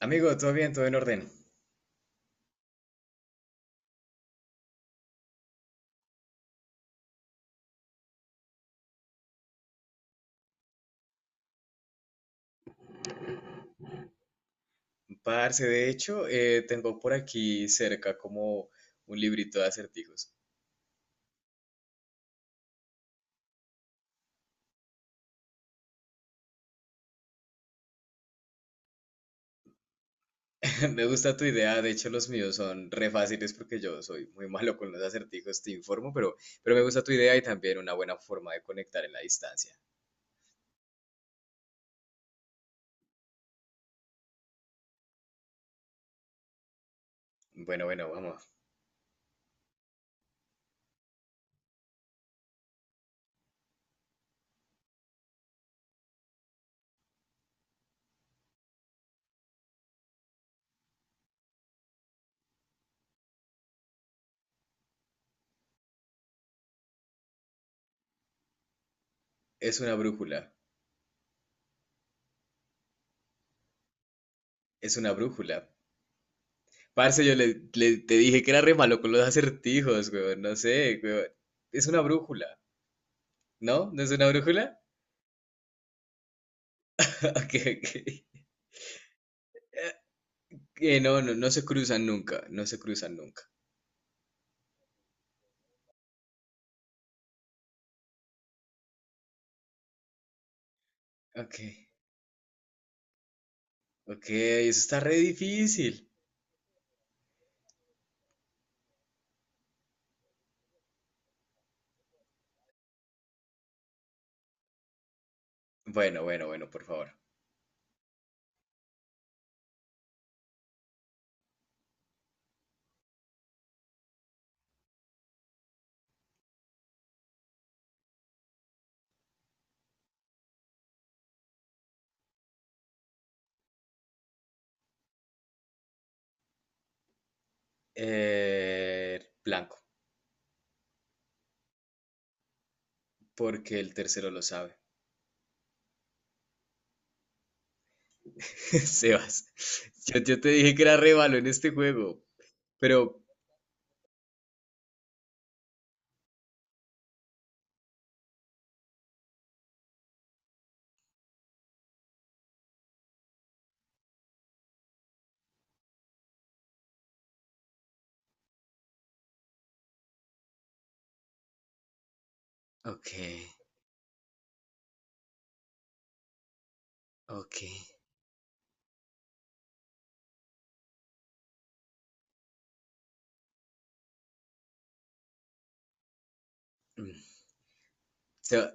Amigo, todo bien, todo en orden. Parce, de hecho, tengo por aquí cerca como un librito de acertijos. Me gusta tu idea, de hecho los míos son re fáciles porque yo soy muy malo con los acertijos, te informo, pero me gusta tu idea y también una buena forma de conectar en la distancia. Bueno, bueno, vamos. Es una brújula, es una brújula. Parce, yo te dije que era re malo con los acertijos, weón, no sé, weón. Es una brújula, ¿no? ¿No es una brújula? Ok, ok. Que no, no, no se cruzan nunca, no se cruzan nunca. Ok, ok, eso está re difícil. Bueno, bueno, bueno, por favor. Eh, Blanco, porque el tercero lo sabe. Sebas, yo te dije que era re malo en este juego, pero... Ok, ok. Mm. Seba-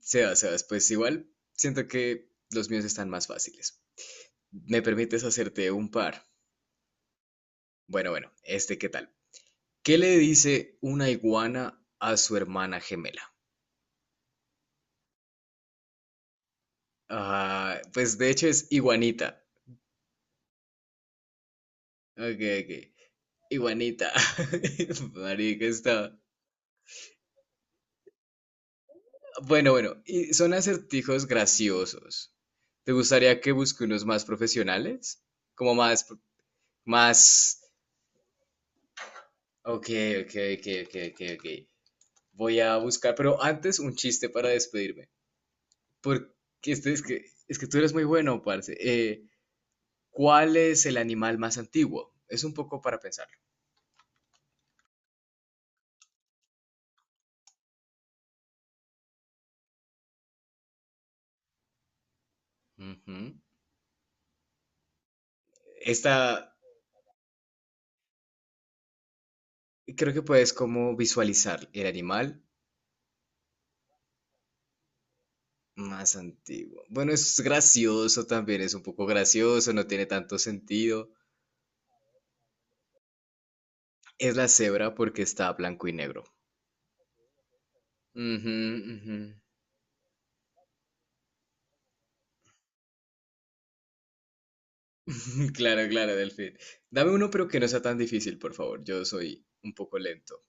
Sebas, Sebas, pues igual siento que los míos están más fáciles. ¿Me permites hacerte un par? Bueno, bueno, este, ¿qué tal? ¿Qué le dice una iguana a su hermana gemela? Ah, pues de hecho es iguanita. Ok, ok. Iguanita. Marica, está. Bueno, bueno. Y son acertijos graciosos. ¿Te gustaría que busque unos más profesionales? Como más, más. Ok, ok, ok, ok, ok, ok. Voy a buscar, pero antes un chiste para despedirme. Porque este es que tú eres muy bueno, parce. ¿Cuál es el animal más antiguo? Es un poco para pensarlo. Ujú. Esta, Y creo que puedes como visualizar el animal más antiguo. Bueno, es gracioso también, es un poco gracioso, no tiene tanto sentido. Es la cebra porque está blanco y negro. Ujú, ujú. Claro, claro, Delfín. Dame uno, pero que no sea tan difícil, por favor. Yo soy un poco lento.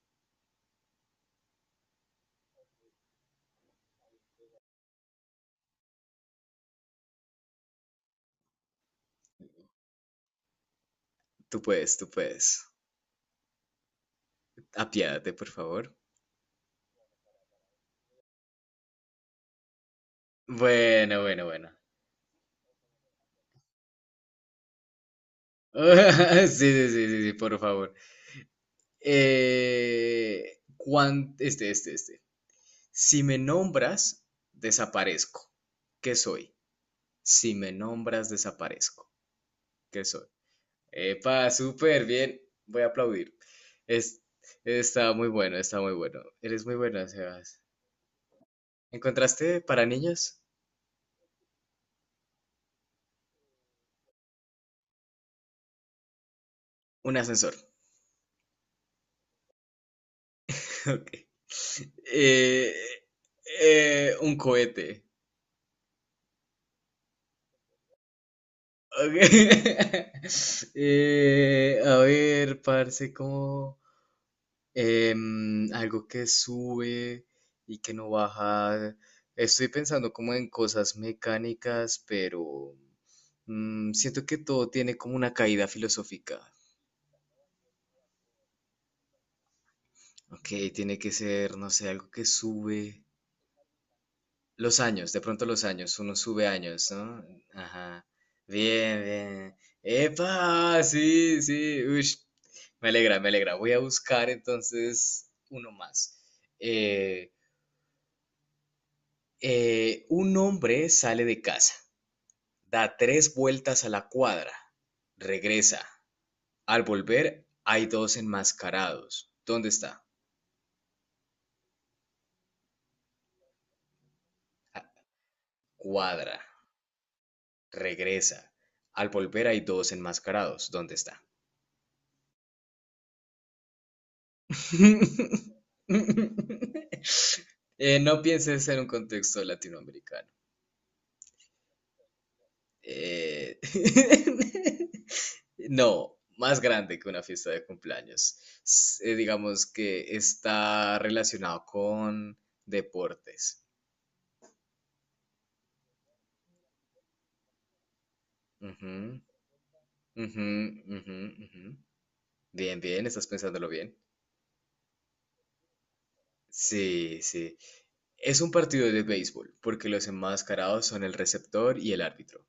Tú puedes, tú puedes. Apiádate, por favor. Bueno, bueno, bueno. Sí, sí, sí, sí, sí, por favor. Este. Si me nombras, desaparezco. ¿Qué soy? Si me nombras, desaparezco. ¿Qué soy? Epa, súper bien. Voy a aplaudir. Es, Está muy bueno, está muy bueno. Eres muy buena, Sebas. ¿Encontraste para niños un ascensor? Ok. Eh, un cohete. Ok. A ver, parce, ¿cómo? Algo que sube y que no baja. Estoy pensando como en cosas mecánicas, pero siento que todo tiene como una caída filosófica. Ok, tiene que ser, no sé, algo que sube. Los años, de pronto los años, uno sube años, ¿no? Ajá. Bien, bien. ¡Epa! Sí, sí. Ush, me alegra, me alegra. Voy a buscar entonces uno más. Eh, un hombre sale de casa, da tres vueltas a la cuadra, regresa. Al volver hay dos enmascarados. ¿Dónde está? Ah, cuadra, regresa. Al volver hay dos enmascarados. ¿Dónde está? No pienses en un contexto latinoamericano. Eh, No, más grande que una fiesta de cumpleaños. Digamos que está relacionado con deportes. Ujú, ujú, ujú, ujú. Bien, bien, estás pensándolo bien. Sí, sí. Es un partido de béisbol, porque los enmascarados son el receptor y el árbitro.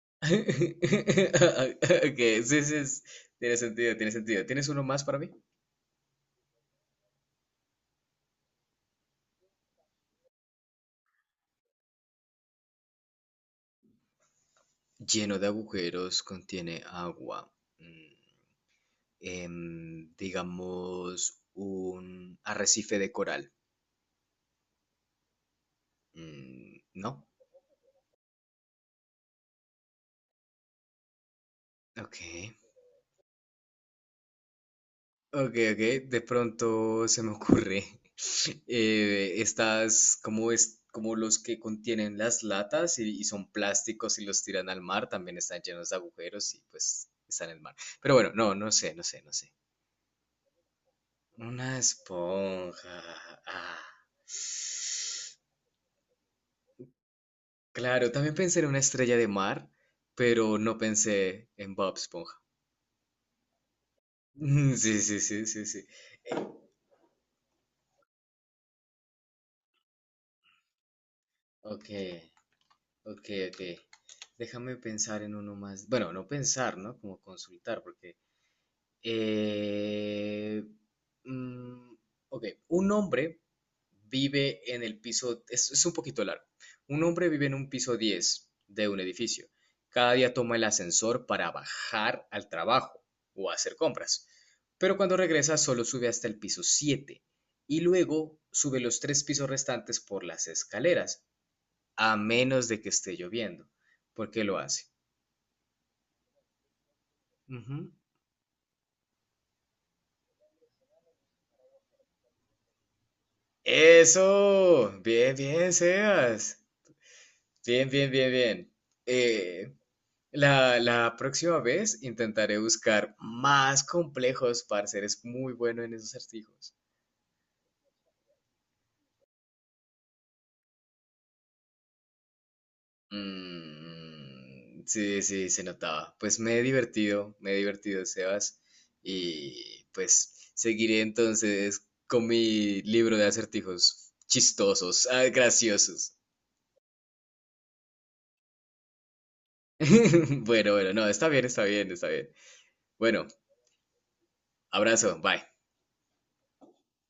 Ok, sí, sí, tiene sentido, tiene sentido. ¿Tienes uno más para mí? Lleno de agujeros, contiene agua. Digamos, un arrecife de coral. Mm, ¿no? Ok. Ok, ok. De pronto se me ocurre. Estas, como es, como los que contienen las latas y son plásticos y los tiran al mar, también están llenos de agujeros y pues están en el mar. Pero bueno, no, no sé, no sé, no sé. Una esponja. Ah. Claro, también pensé en una estrella de mar, pero no pensé en Bob Esponja. Sí, sí, sí, sí, sí. Ok, ok, ok. Déjame pensar en uno más. Bueno, no pensar, ¿no? Como consultar, porque Eh, mm, ok, un hombre vive en el piso, es un poquito largo. Un hombre vive en un piso 10 de un edificio. Cada día toma el ascensor para bajar al trabajo o hacer compras. Pero cuando regresa solo sube hasta el piso 7 y luego sube los tres pisos restantes por las escaleras, a menos de que esté lloviendo. ¿Por qué lo hace? Ujú. Eso, bien, bien, Sebas. Bien, bien, bien, bien. Eh, la próxima vez intentaré buscar más complejos, parce. Eres muy bueno en esos acertijos. Mm, sí, sí, se notaba. Pues me he divertido, Sebas. Y pues seguiré entonces con mi libro de acertijos chistosos, graciosos. Bueno, bueno, no, está bien, está bien, está bien. Bueno, abrazo, bye.